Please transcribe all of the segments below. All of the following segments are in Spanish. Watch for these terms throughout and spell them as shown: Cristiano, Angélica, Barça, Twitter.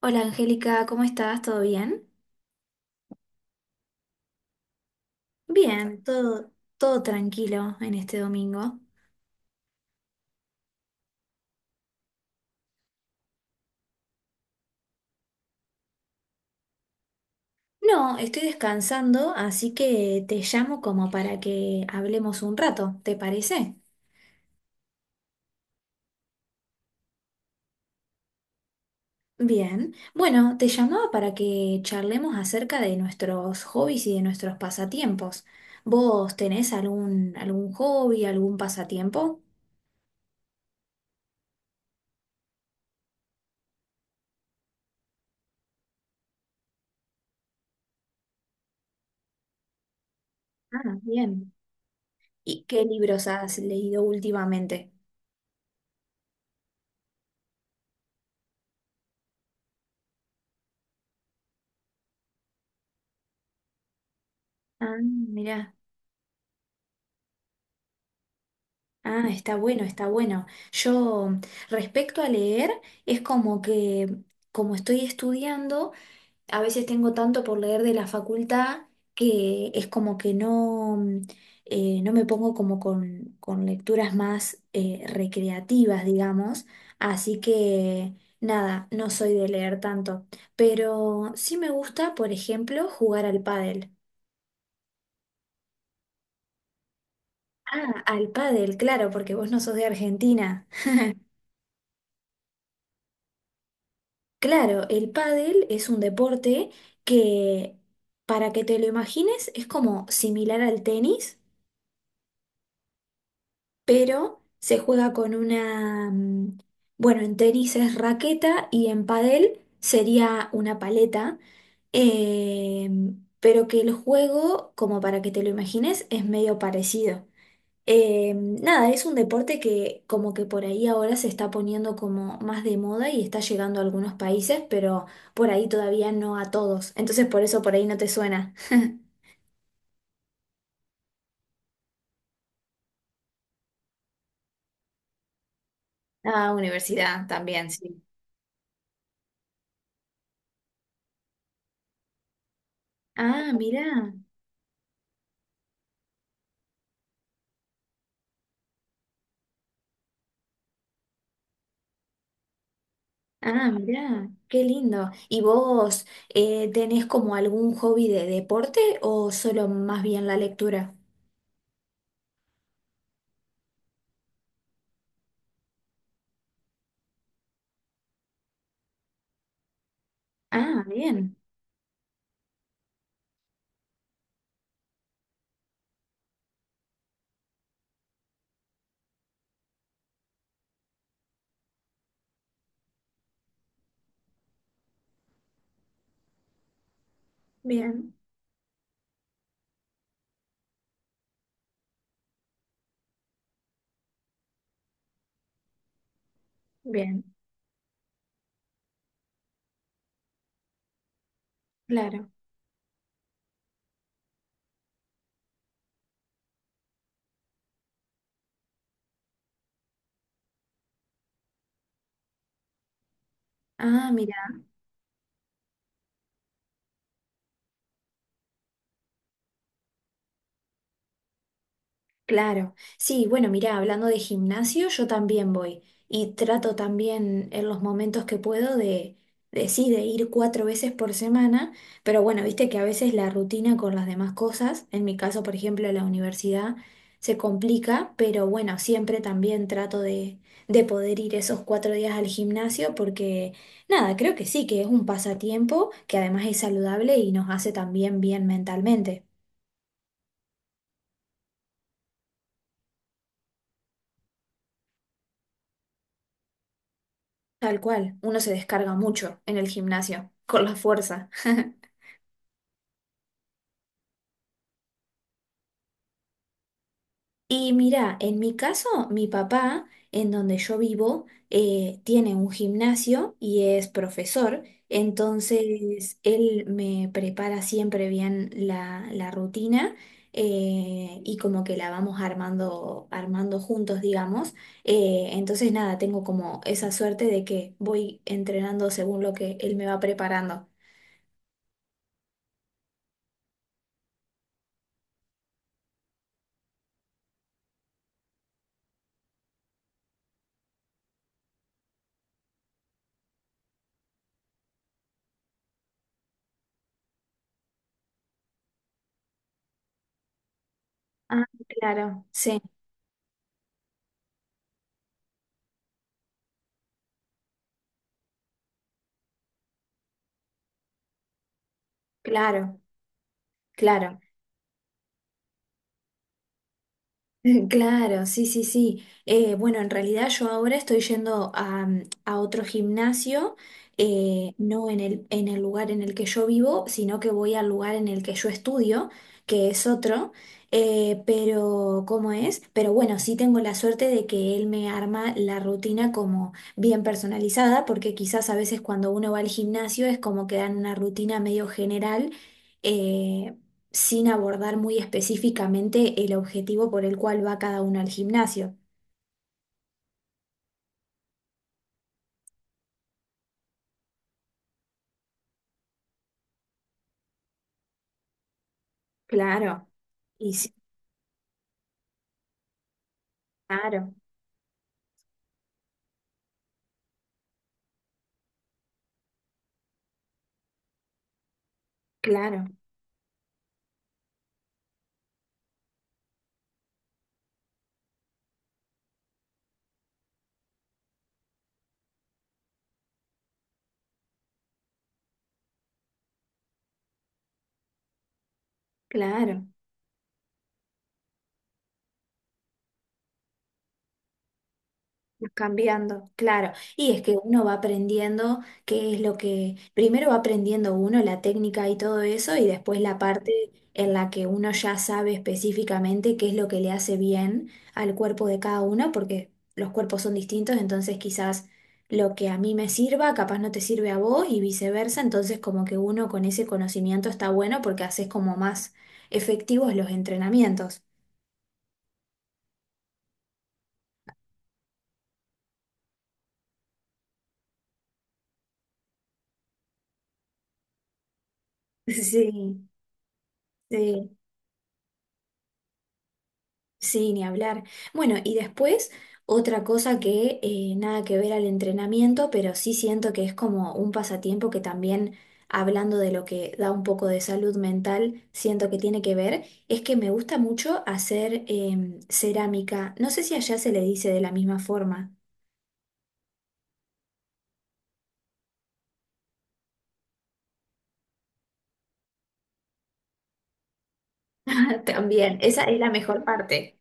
Hola Angélica, ¿cómo estás? ¿Todo bien? Bien, todo, todo tranquilo en este domingo. No, estoy descansando, así que te llamo como para que hablemos un rato, ¿te parece? Bien, bueno, te llamaba para que charlemos acerca de nuestros hobbies y de nuestros pasatiempos. ¿Vos tenés algún hobby, algún pasatiempo? Ah, bien. ¿Y qué libros has leído últimamente? Ah, mira. Ah, está bueno, está bueno. Yo, respecto a leer, es como que, como estoy estudiando, a veces tengo tanto por leer de la facultad que es como que no, no me pongo como con lecturas más recreativas, digamos. Así que, nada, no soy de leer tanto. Pero sí me gusta, por ejemplo, jugar al pádel. Ah, al pádel, claro, porque vos no sos de Argentina. Claro, el pádel es un deporte que, para que te lo imagines, es como similar al tenis, pero se juega con una, bueno, en tenis es raqueta y en pádel sería una paleta, eh, pero que el juego, como para que te lo imagines, es medio parecido. Nada, es un deporte que como que por ahí ahora se está poniendo como más de moda y está llegando a algunos países, pero por ahí todavía no a todos. Entonces por eso por ahí no te suena. Ah, universidad también, sí. Ah, mirá, ah, mirá, qué lindo. ¿Y vos tenés como algún hobby de deporte o solo más bien la lectura? Ah, bien, bien, bien, claro. Ah, mira. Claro, sí, bueno, mira, hablando de gimnasio, yo también voy y trato también en los momentos que puedo de sí, de ir cuatro veces por semana, pero bueno, viste que a veces la rutina con las demás cosas, en mi caso, por ejemplo, la universidad, se complica, pero bueno, siempre también trato de poder ir esos 4 días al gimnasio porque, nada, creo que sí, que es un pasatiempo que además es saludable y nos hace también bien mentalmente. Tal cual, uno se descarga mucho en el gimnasio, con la fuerza. Y mira, en mi caso, mi papá, en donde yo vivo, tiene un gimnasio y es profesor, entonces él me prepara siempre bien la rutina y como que la vamos armando, armando juntos, digamos. Entonces nada, tengo como esa suerte de que voy entrenando según lo que él me va preparando. Ah, claro, sí. Claro, claro, claro, sí, sí, sí. Bueno, en realidad yo ahora estoy yendo a otro gimnasio, no en el lugar en el que yo vivo, sino que voy al lugar en el que yo estudio, que es otro, pero ¿cómo es? Pero bueno, sí tengo la suerte de que él me arma la rutina como bien personalizada, porque quizás a veces cuando uno va al gimnasio es como que dan una rutina medio general. eh, Sin abordar muy específicamente el objetivo por el cual va cada uno al gimnasio. Claro, y sí, claro, claro, claro. Cambiando, claro. Y es que uno va aprendiendo qué es lo que, primero va aprendiendo uno la técnica y todo eso, y después la parte en la que uno ya sabe específicamente qué es lo que le hace bien al cuerpo de cada uno, porque los cuerpos son distintos, entonces quizás lo que a mí me sirva, capaz no te sirve a vos y viceversa, entonces como que uno con ese conocimiento está bueno porque haces como más efectivos los entrenamientos. Sí, sí. Sí, ni hablar. Bueno, y después otra cosa que nada que ver al entrenamiento, pero sí siento que es como un pasatiempo que también, hablando de lo que da un poco de salud mental, siento que tiene que ver, es que me gusta mucho hacer cerámica. No sé si allá se le dice de la misma forma. También, esa es la mejor parte.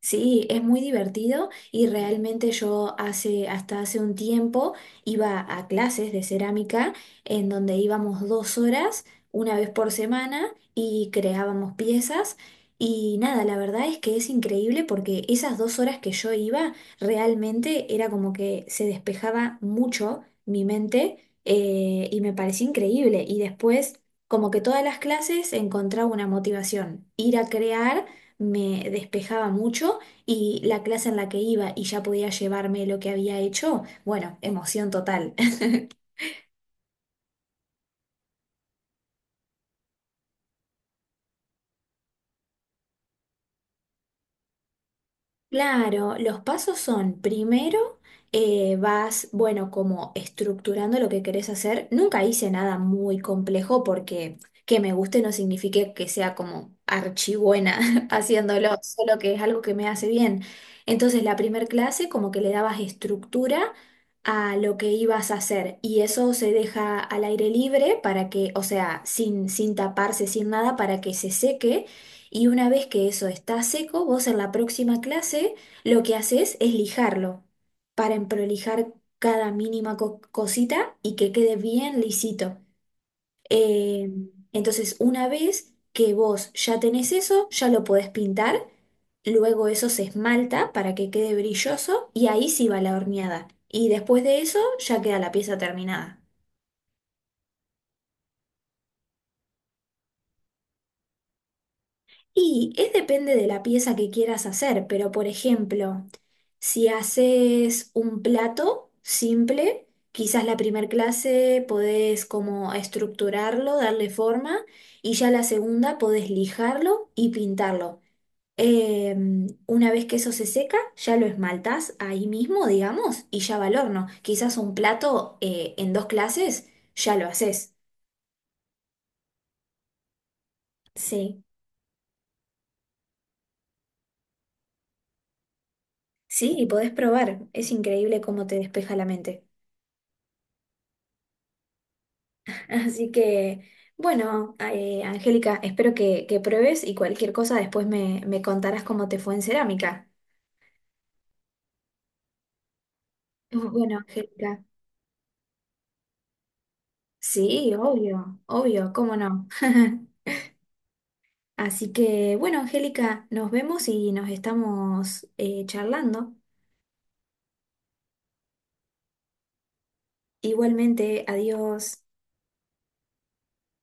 Sí, es muy divertido y realmente yo hasta hace un tiempo iba a clases de cerámica en donde íbamos 2 horas una vez por semana y creábamos piezas y nada, la verdad es que es increíble porque esas 2 horas que yo iba realmente era como que se despejaba mucho mi mente y me parecía increíble y después como que todas las clases encontraba una motivación, ir a crear me despejaba mucho y la clase en la que iba y ya podía llevarme lo que había hecho, bueno, emoción total. Claro, los pasos son, primero, vas, bueno, como estructurando lo que querés hacer. Nunca hice nada muy complejo porque que me guste no significa que sea como archibuena haciéndolo, solo que es algo que me hace bien. Entonces, la primer clase como que le dabas estructura a lo que ibas a hacer y eso se deja al aire libre para que, o sea, sin taparse, sin nada, para que se seque y una vez que eso está seco, vos en la próxima clase lo que haces es lijarlo para emprolijar cada mínima cosita y que quede bien lisito. Eh, entonces, una vez que vos ya tenés eso, ya lo podés pintar, luego eso se esmalta para que quede brilloso y ahí sí va la horneada. Y después de eso ya queda la pieza terminada. Y es depende de la pieza que quieras hacer, pero por ejemplo, si haces un plato simple, quizás la primer clase podés como estructurarlo, darle forma, y ya la segunda podés lijarlo y pintarlo. Eh, una vez que eso se seca, ya lo esmaltás ahí mismo, digamos, y ya va al horno. Quizás un plato en dos clases ya lo haces. Sí, sí, y podés probar. Es increíble cómo te despeja la mente. Así que, bueno, Angélica, espero que pruebes y cualquier cosa después me contarás cómo te fue en cerámica. Bueno, Angélica, sí, obvio, obvio, cómo no. Así que, bueno, Angélica, nos vemos y nos estamos charlando. Igualmente, adiós.